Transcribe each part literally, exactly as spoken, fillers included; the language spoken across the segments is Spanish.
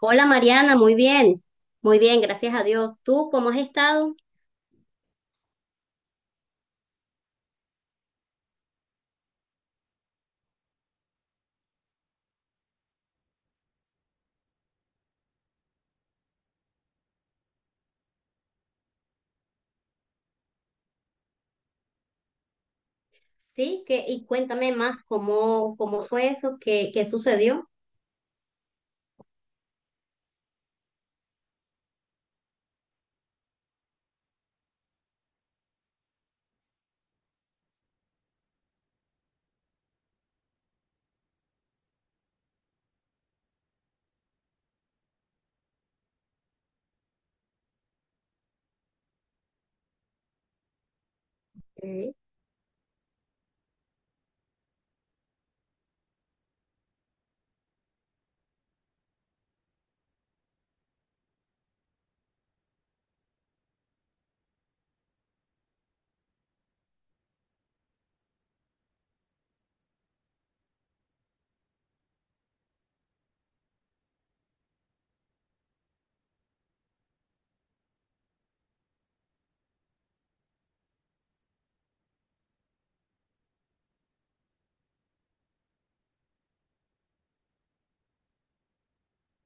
Hola Mariana, muy bien, muy bien, gracias a Dios. ¿Tú cómo has estado? Sí, que, y cuéntame más cómo, cómo fue eso, qué, qué sucedió. Ok,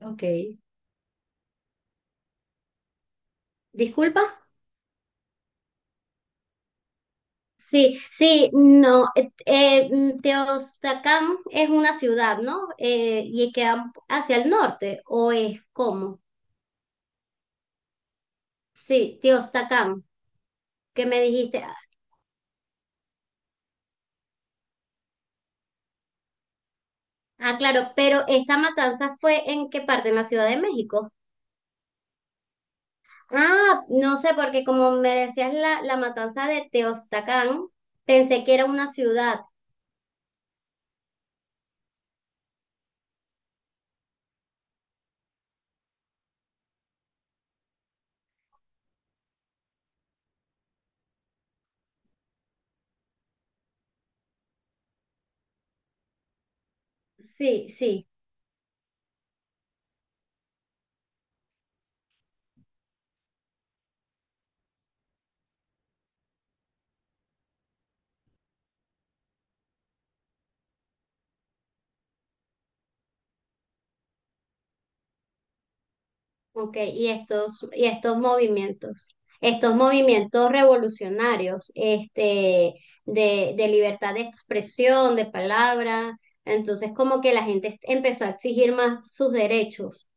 ok. Disculpa. Sí, sí, no, eh, eh, Teotihuacán es una ciudad, ¿no? Eh, ¿y queda hacia el norte, o es cómo? Sí, Teotihuacán, que me dijiste. Ah, claro, pero ¿esta matanza fue en qué parte? En la Ciudad de México. Ah, no sé, porque como me decías la, la matanza de Teostacán, pensé que era una ciudad. Sí, sí, ok. Y estos, y estos movimientos, estos movimientos revolucionarios, este, de, de libertad de expresión, de palabra. Entonces, como que la gente empezó a exigir más sus derechos.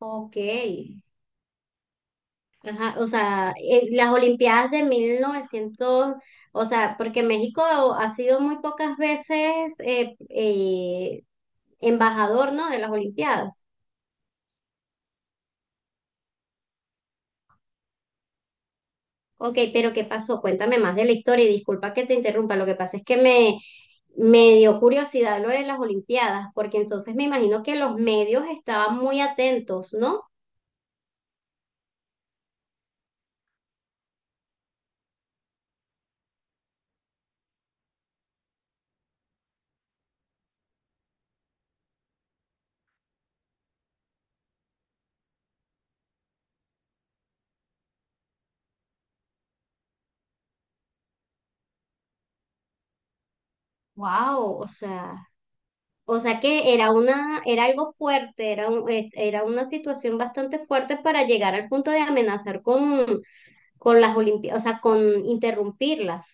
Ok. Ajá, o sea, eh, las Olimpiadas de mil novecientos, o sea, porque México ha sido muy pocas veces eh, eh, embajador, ¿no? De las Olimpiadas. Ok, pero ¿qué pasó? Cuéntame más de la historia y disculpa que te interrumpa. Lo que pasa es que me, me dio curiosidad lo de las Olimpiadas, porque entonces me imagino que los medios estaban muy atentos, ¿no? Wow, o sea. O sea que era una, era algo fuerte, era un- eh, era una situación bastante fuerte para llegar al punto de amenazar con, con las Olimpiadas, o sea, con interrumpirlas.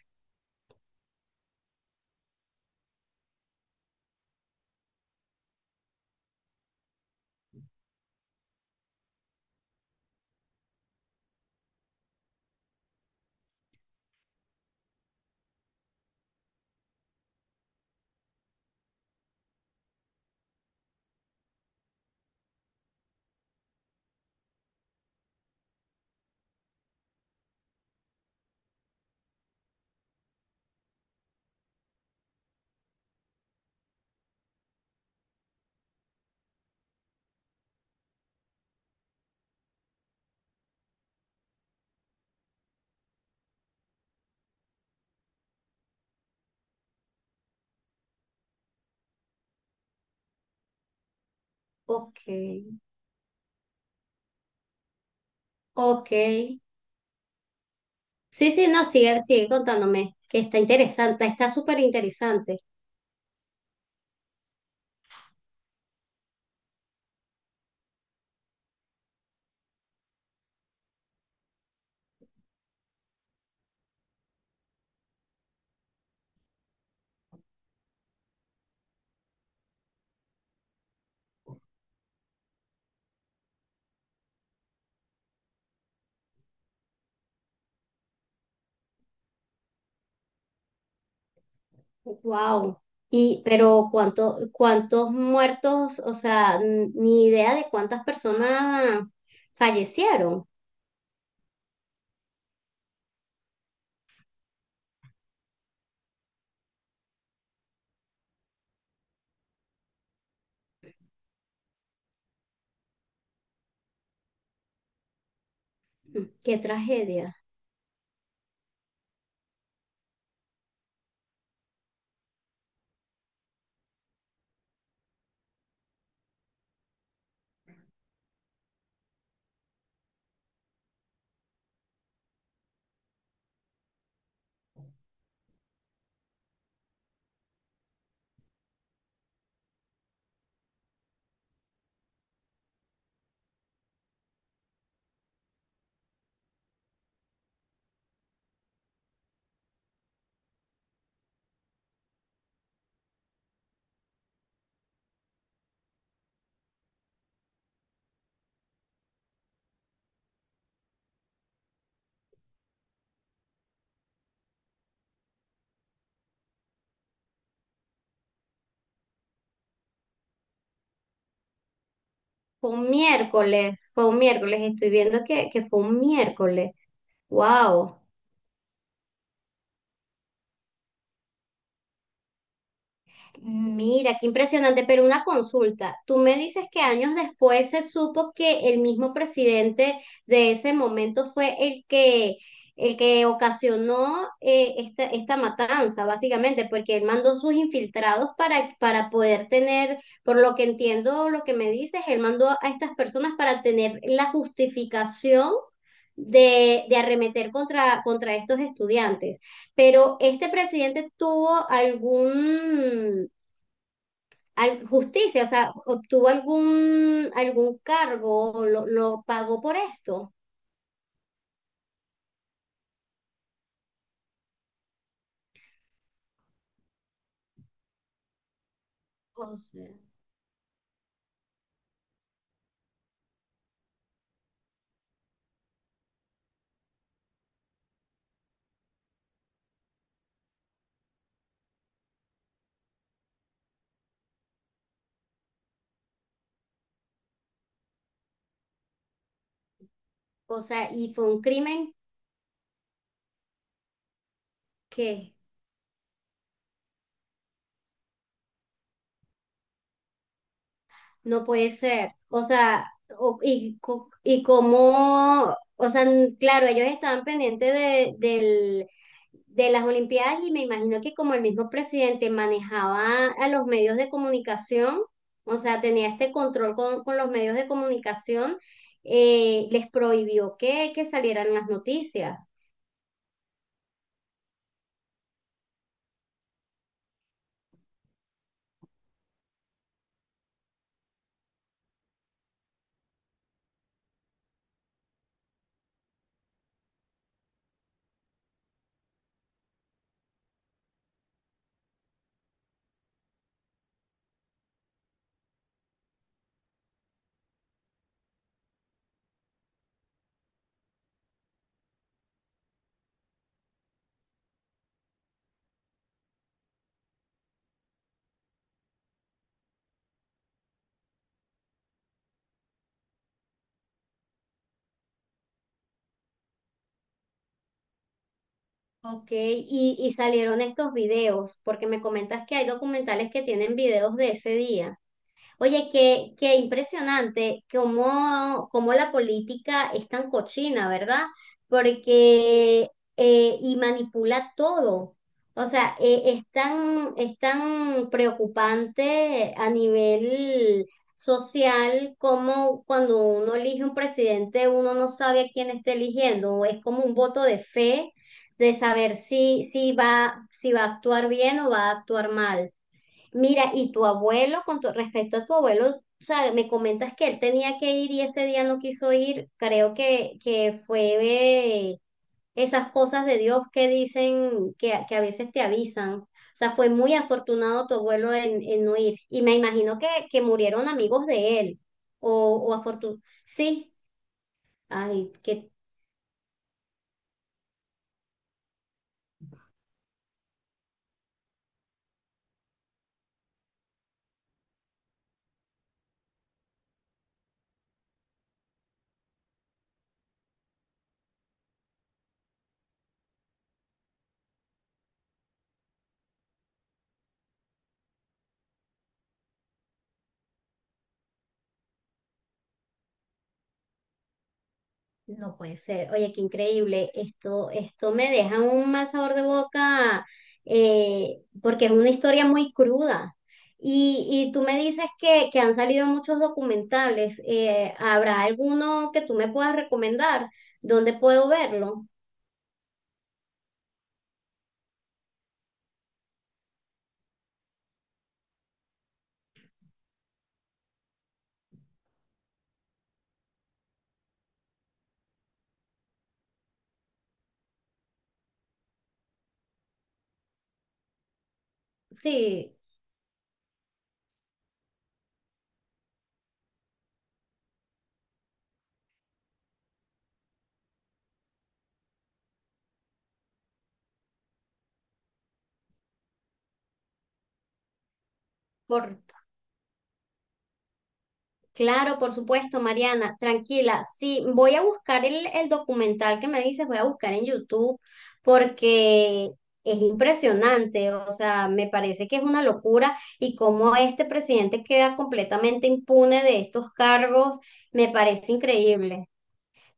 Ok, ok. Sí, sí, no, sigue, sigue contándome, que está interesante, está súper interesante. Wow. Y pero cuánto, ¿cuántos muertos? O sea, n- ni idea de cuántas personas fallecieron. Qué tragedia. Fue un miércoles, fue un miércoles, estoy viendo que, que fue un miércoles. Wow. Mira, qué impresionante, pero una consulta. Tú me dices que años después se supo que el mismo presidente de ese momento fue el que, el que ocasionó eh, esta, esta matanza, básicamente, porque él mandó sus infiltrados para, para poder tener, por lo que entiendo, lo que me dices, él mandó a estas personas para tener la justificación de, de arremeter contra, contra estos estudiantes. Pero este presidente tuvo algún, al- justicia, o sea, ¿obtuvo algún, algún cargo, o lo, lo pagó por esto? O sea, o sea, y fue un crimen que, no puede ser. O sea, o- y, co- y cómo, o sea, n- claro, ellos estaban pendientes de, del, de las Olimpiadas y me imagino que como el mismo presidente manejaba a los medios de comunicación, o sea, tenía este control con, con los medios de comunicación, eh, les prohibió que, que salieran las noticias. Ok, y, ¿y salieron estos videos? Porque me comentas que hay documentales que tienen videos de ese día. Oye, qué, qué impresionante cómo, cómo la política es tan cochina, ¿verdad? Porque eh, y manipula todo. O sea, eh, es tan, es tan preocupante a nivel social como cuando uno elige un presidente, uno no sabe a quién está eligiendo. Es como un voto de fe de saber si, si va, si va a actuar bien o va a actuar mal. Mira, y tu abuelo, con tu- respecto a tu abuelo, o sea, me comentas que él tenía que ir y ese día no quiso ir. Creo que, que fue eh, esas cosas de Dios que dicen que, que a veces te avisan. O sea, fue muy afortunado tu abuelo en, en no ir. Y me imagino que, que murieron amigos de él. O, o afortun- sí, ay, qué no puede ser. Oye, qué increíble. Esto, esto me deja un mal sabor de boca, eh, porque es una historia muy cruda. Y, y tú me dices que, que han salido muchos documentales. Eh, ¿habrá alguno que tú me puedas recomendar? ¿Dónde puedo verlo? Sí, por, claro, por supuesto, Mariana, tranquila. Sí, voy a buscar el, el documental que me dices, voy a buscar en YouTube porque es impresionante, o sea, me parece que es una locura y cómo este presidente queda completamente impune de estos cargos, me parece increíble.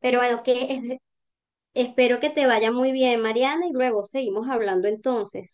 Pero bueno, que es- espero que te vaya muy bien, Mariana, y luego seguimos hablando entonces.